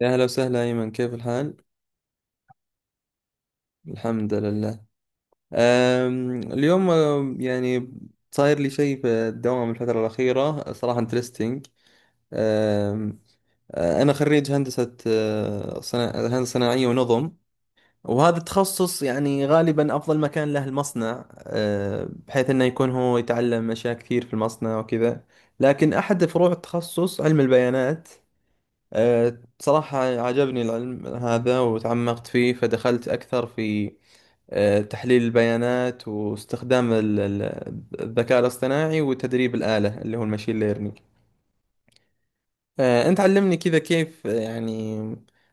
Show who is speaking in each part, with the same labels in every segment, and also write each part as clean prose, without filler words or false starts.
Speaker 1: يا أهلا وسهلا أيمن، كيف الحال؟ الحمد لله. اليوم يعني صاير لي شيء في الدوام الفترة الأخيرة، صراحة انترستنج. أم أنا خريج هندسة، هندسة صناعية ونظم، وهذا التخصص يعني غالبا أفضل مكان له المصنع، بحيث أنه يكون هو يتعلم أشياء كثير في المصنع وكذا. لكن أحد فروع التخصص علم البيانات. بصراحة عجبني العلم هذا وتعمقت فيه، فدخلت أكثر في تحليل البيانات واستخدام الذكاء الاصطناعي وتدريب الآلة اللي هو الماشين ليرنينج. أنت علمني كذا، كيف، يعني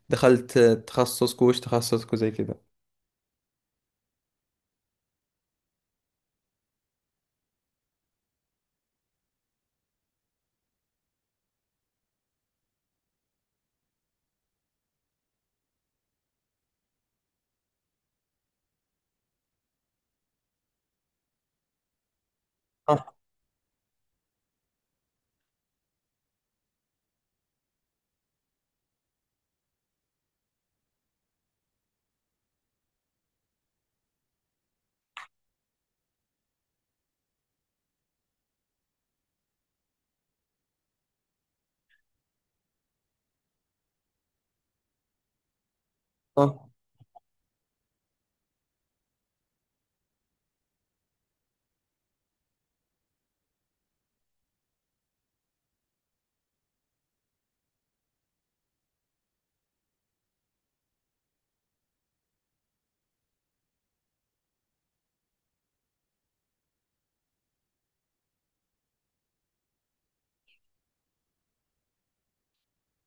Speaker 1: دخلت تخصصك، وش تخصصك، وزي كذا. آه، آه.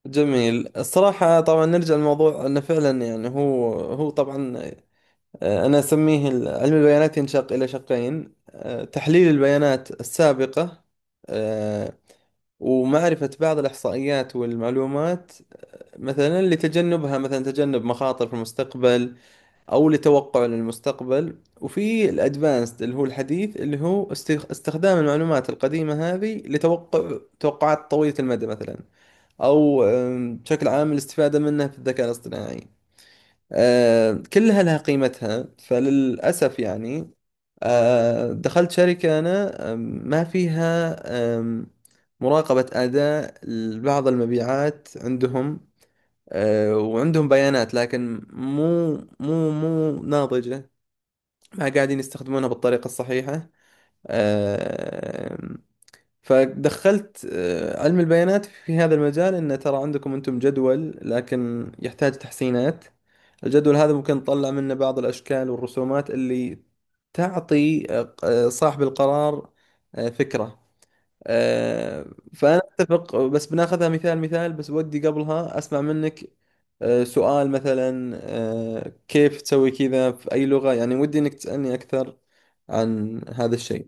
Speaker 1: جميل. الصراحة طبعا نرجع للموضوع، أنه فعلا يعني هو طبعا، أنا أسميه علم البيانات ينشق إلى شقين: تحليل البيانات السابقة آه، ومعرفة بعض الإحصائيات والمعلومات، مثلا لتجنبها، مثلا تجنب مخاطر في المستقبل، أو لتوقع للمستقبل، وفي الأدفانسد اللي هو الحديث اللي هو استخدام المعلومات القديمة هذه لتوقع توقعات طويلة المدى مثلا، أو بشكل عام الاستفادة منه في الذكاء الاصطناعي. كلها لها قيمتها. فللأسف يعني، دخلت شركة أنا، ما فيها، آم، مراقبة أداء بعض المبيعات عندهم. وعندهم بيانات لكن مو ناضجة، ما قاعدين يستخدمونها بالطريقة الصحيحة. آه، فدخلت علم البيانات في هذا المجال، انه ترى عندكم انتم جدول لكن يحتاج تحسينات. الجدول هذا ممكن نطلع منه بعض الاشكال والرسومات اللي تعطي صاحب القرار فكرة. آه، فأنا أتفق، بس بناخذها مثال مثال بس، ودي قبلها أسمع منك سؤال، مثلا كيف تسوي كذا في أي لغة، يعني ودي إنك تسألني أكثر عن هذا الشيء.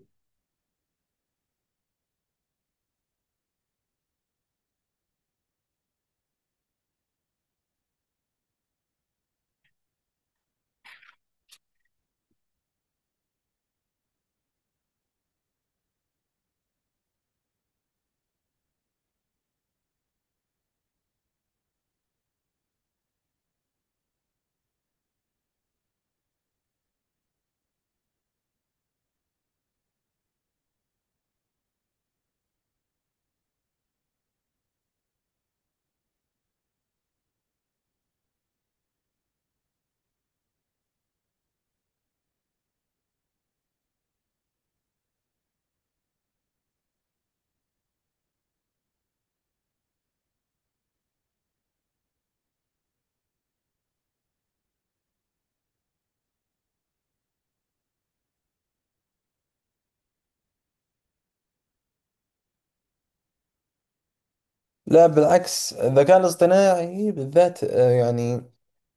Speaker 1: لا، بالعكس، الذكاء الاصطناعي بالذات، يعني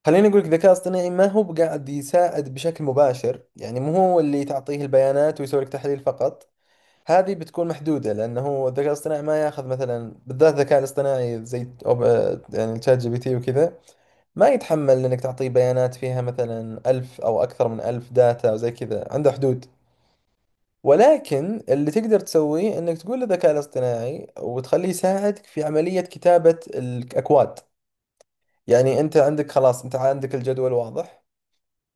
Speaker 1: خليني أقول لك، الذكاء الاصطناعي ما هو بقاعد يساعد بشكل مباشر، يعني مو هو اللي تعطيه البيانات ويسوي لك تحليل فقط. هذه بتكون محدودة، لأنه الذكاء الاصطناعي ما ياخذ، مثلا بالذات الذكاء الاصطناعي زي يعني تشات جي بي تي وكذا، ما يتحمل إنك تعطيه بيانات فيها مثلا ألف أو أكثر من ألف داتا وزي كذا، عنده حدود. ولكن اللي تقدر تسويه انك تقول للذكاء الاصطناعي وتخليه يساعدك في عملية كتابة الاكواد. يعني انت عندك، خلاص انت عندك الجدول واضح،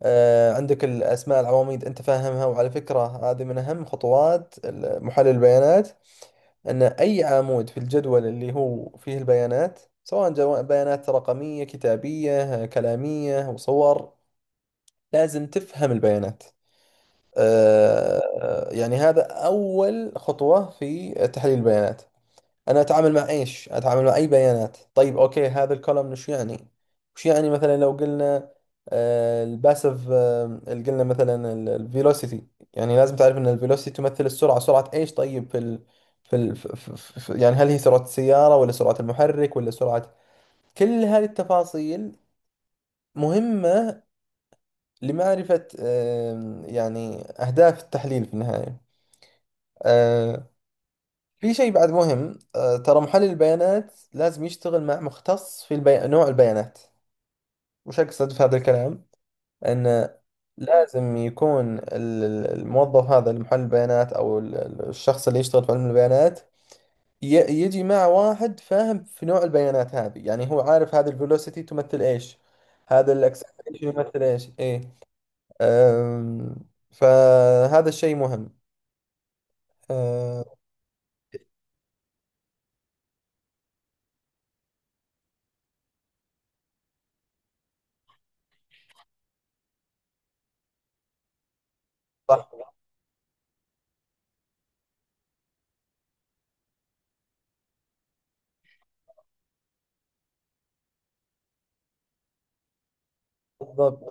Speaker 1: آه عندك الاسماء، العواميد انت فاهمها. وعلى فكرة هذه من اهم خطوات محلل البيانات، ان اي عمود في الجدول اللي هو فيه البيانات سواء بيانات رقمية، كتابية، كلامية، وصور، لازم تفهم البيانات. يعني هذا أول خطوة في تحليل البيانات. أنا أتعامل مع إيش؟ أتعامل مع أي بيانات؟ طيب أوكي، هذا الكولمن وش يعني؟ وش يعني؟ مثلا لو قلنا الباسف، اللي قلنا مثلا الفيلوسيتي، يعني لازم تعرف أن الفيلوسيتي تمثل السرعة. سرعة إيش؟ طيب في ال... في ال... في في في يعني هل هي سرعة السيارة ولا سرعة المحرك ولا سرعة؟ كل هذه التفاصيل مهمة لمعرفة يعني أهداف التحليل في النهاية. آه، في شيء بعد مهم، ترى محلل البيانات لازم يشتغل مع مختص في نوع البيانات. وش أقصد في هذا الكلام؟ أن لازم يكون الموظف هذا المحلل البيانات أو الشخص اللي يشتغل في علم البيانات ي- يجي مع واحد فاهم في نوع البيانات هذه، يعني هو عارف هذا الفيلوسيتي تمثل إيش، هذا الأكسلريشن يمثل إيش، إيه. أم، فهذا الشيء مهم. أه، صح. بالضبط.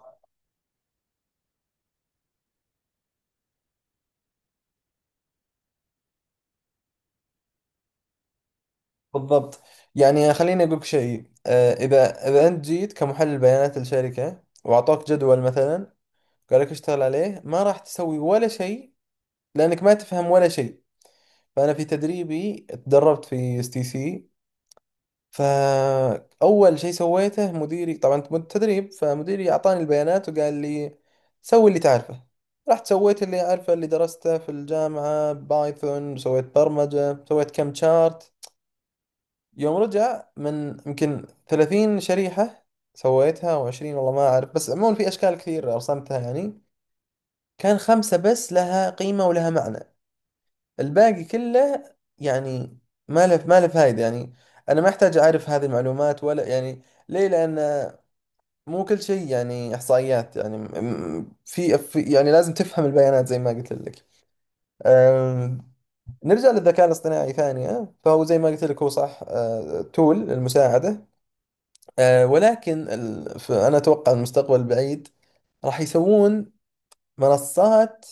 Speaker 1: بالضبط، يعني خليني أقولك شيء، إذا أنت جيت كمحلل بيانات لشركة وأعطوك جدول مثلا، قال لك اشتغل عليه، ما راح تسوي ولا شيء، لأنك ما تفهم ولا شيء. فأنا في تدريبي تدربت في اس تي سي، فأول شيء سويته، مديري طبعا، تدريب، فمديري أعطاني البيانات وقال لي سوي اللي تعرفه. رحت سويت اللي أعرفه، اللي درسته في الجامعة، بايثون، سويت برمجة، سويت كم شارت. يوم رجع، من يمكن 30 شريحة سويتها او 20، والله ما اعرف، بس عموما في اشكال كثير رسمتها، يعني كان خمسة بس لها قيمة ولها معنى، الباقي كله يعني ما له ما له فايدة، يعني انا ما احتاج اعرف هذه المعلومات ولا، يعني ليه؟ لان مو كل شيء يعني احصائيات، يعني يعني لازم تفهم البيانات زي ما قلت لك. أم، نرجع للذكاء الاصطناعي ثانية، فهو زي ما قلت لك، هو صح تول للمساعدة، ولكن فأنا أتوقع المستقبل البعيد راح يسوون منصات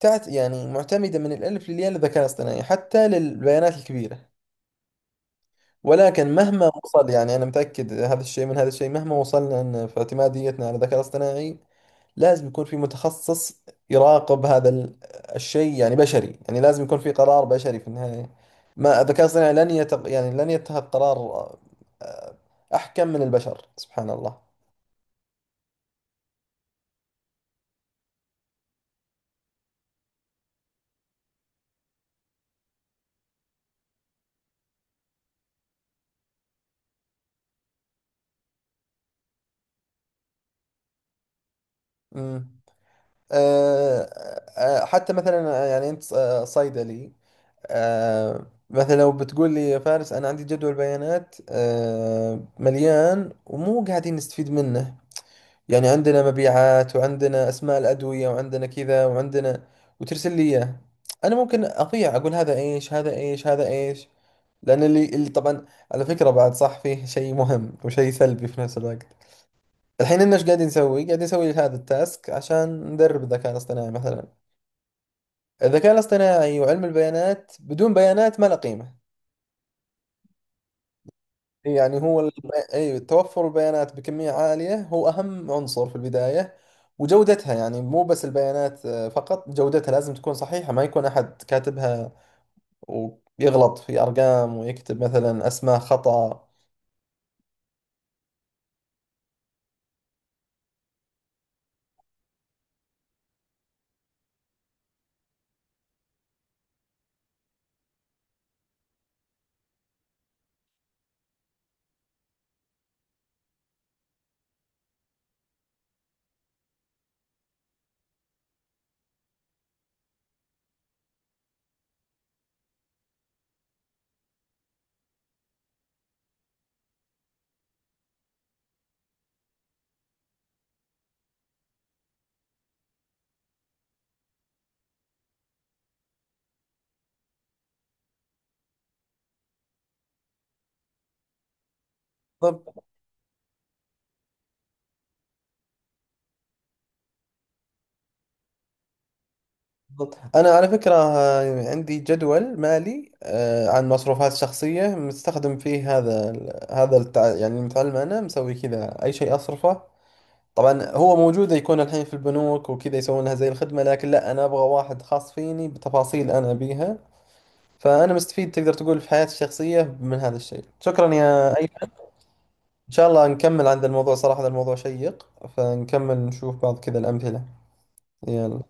Speaker 1: تعت، يعني معتمدة من الألف للياء للذكاء الاصطناعي حتى للبيانات الكبيرة. ولكن مهما وصل، يعني أنا متأكد هذا الشيء، من هذا الشيء، مهما وصلنا أن في اعتماديتنا على الذكاء الاصطناعي لازم يكون في متخصص يراقب هذا الشيء، يعني بشري، يعني لازم يكون في قرار بشري في النهاية. ما الذكاء الاصطناعي لن يعني لن يتخذ قرار آه، أحكم من البشر، سبحان الله. مم. آه، حتى مثلا، يعني انت صيدلي، مثلا لو بتقول لي يا فارس، انا عندي جدول بيانات مليان ومو قاعدين نستفيد منه، يعني عندنا مبيعات وعندنا اسماء الادويه وعندنا كذا وعندنا، وترسل لي اياه، انا ممكن اضيع، اقول هذا ايش، هذا ايش، هذا ايش، لان اللي طبعا على فكره بعد، صح، فيه شيء مهم وشيء سلبي في نفس الوقت الحين، إن ايش قاعدين نسوي؟ قاعدين نسوي هذا التاسك عشان ندرب الذكاء الاصطناعي مثلا. الذكاء الاصطناعي وعلم البيانات بدون بيانات ما له قيمة. يعني هو أي توفر البيانات بكمية عالية هو أهم عنصر في البداية. وجودتها، يعني مو بس البيانات فقط، جودتها لازم تكون صحيحة، ما يكون أحد كاتبها ويغلط في أرقام ويكتب مثلا أسماء خطأ. بالضبط. بالضبط. أنا على فكرة عندي جدول مالي عن مصروفات شخصية مستخدم فيه هذا يعني المتعلم، أنا مسوي كذا أي شيء أصرفه. طبعا هو موجودة يكون الحين في البنوك وكذا يسوون لها زي الخدمة، لكن لا، أنا أبغى واحد خاص فيني بتفاصيل أنا أبيها. فأنا مستفيد تقدر تقول في حياتي الشخصية من هذا الشيء. شكرا يا أيمن. إن شاء الله نكمل عن ذا الموضوع، صراحة هذا الموضوع شيق، فنكمل نشوف بعض كذا الأمثلة. يلا.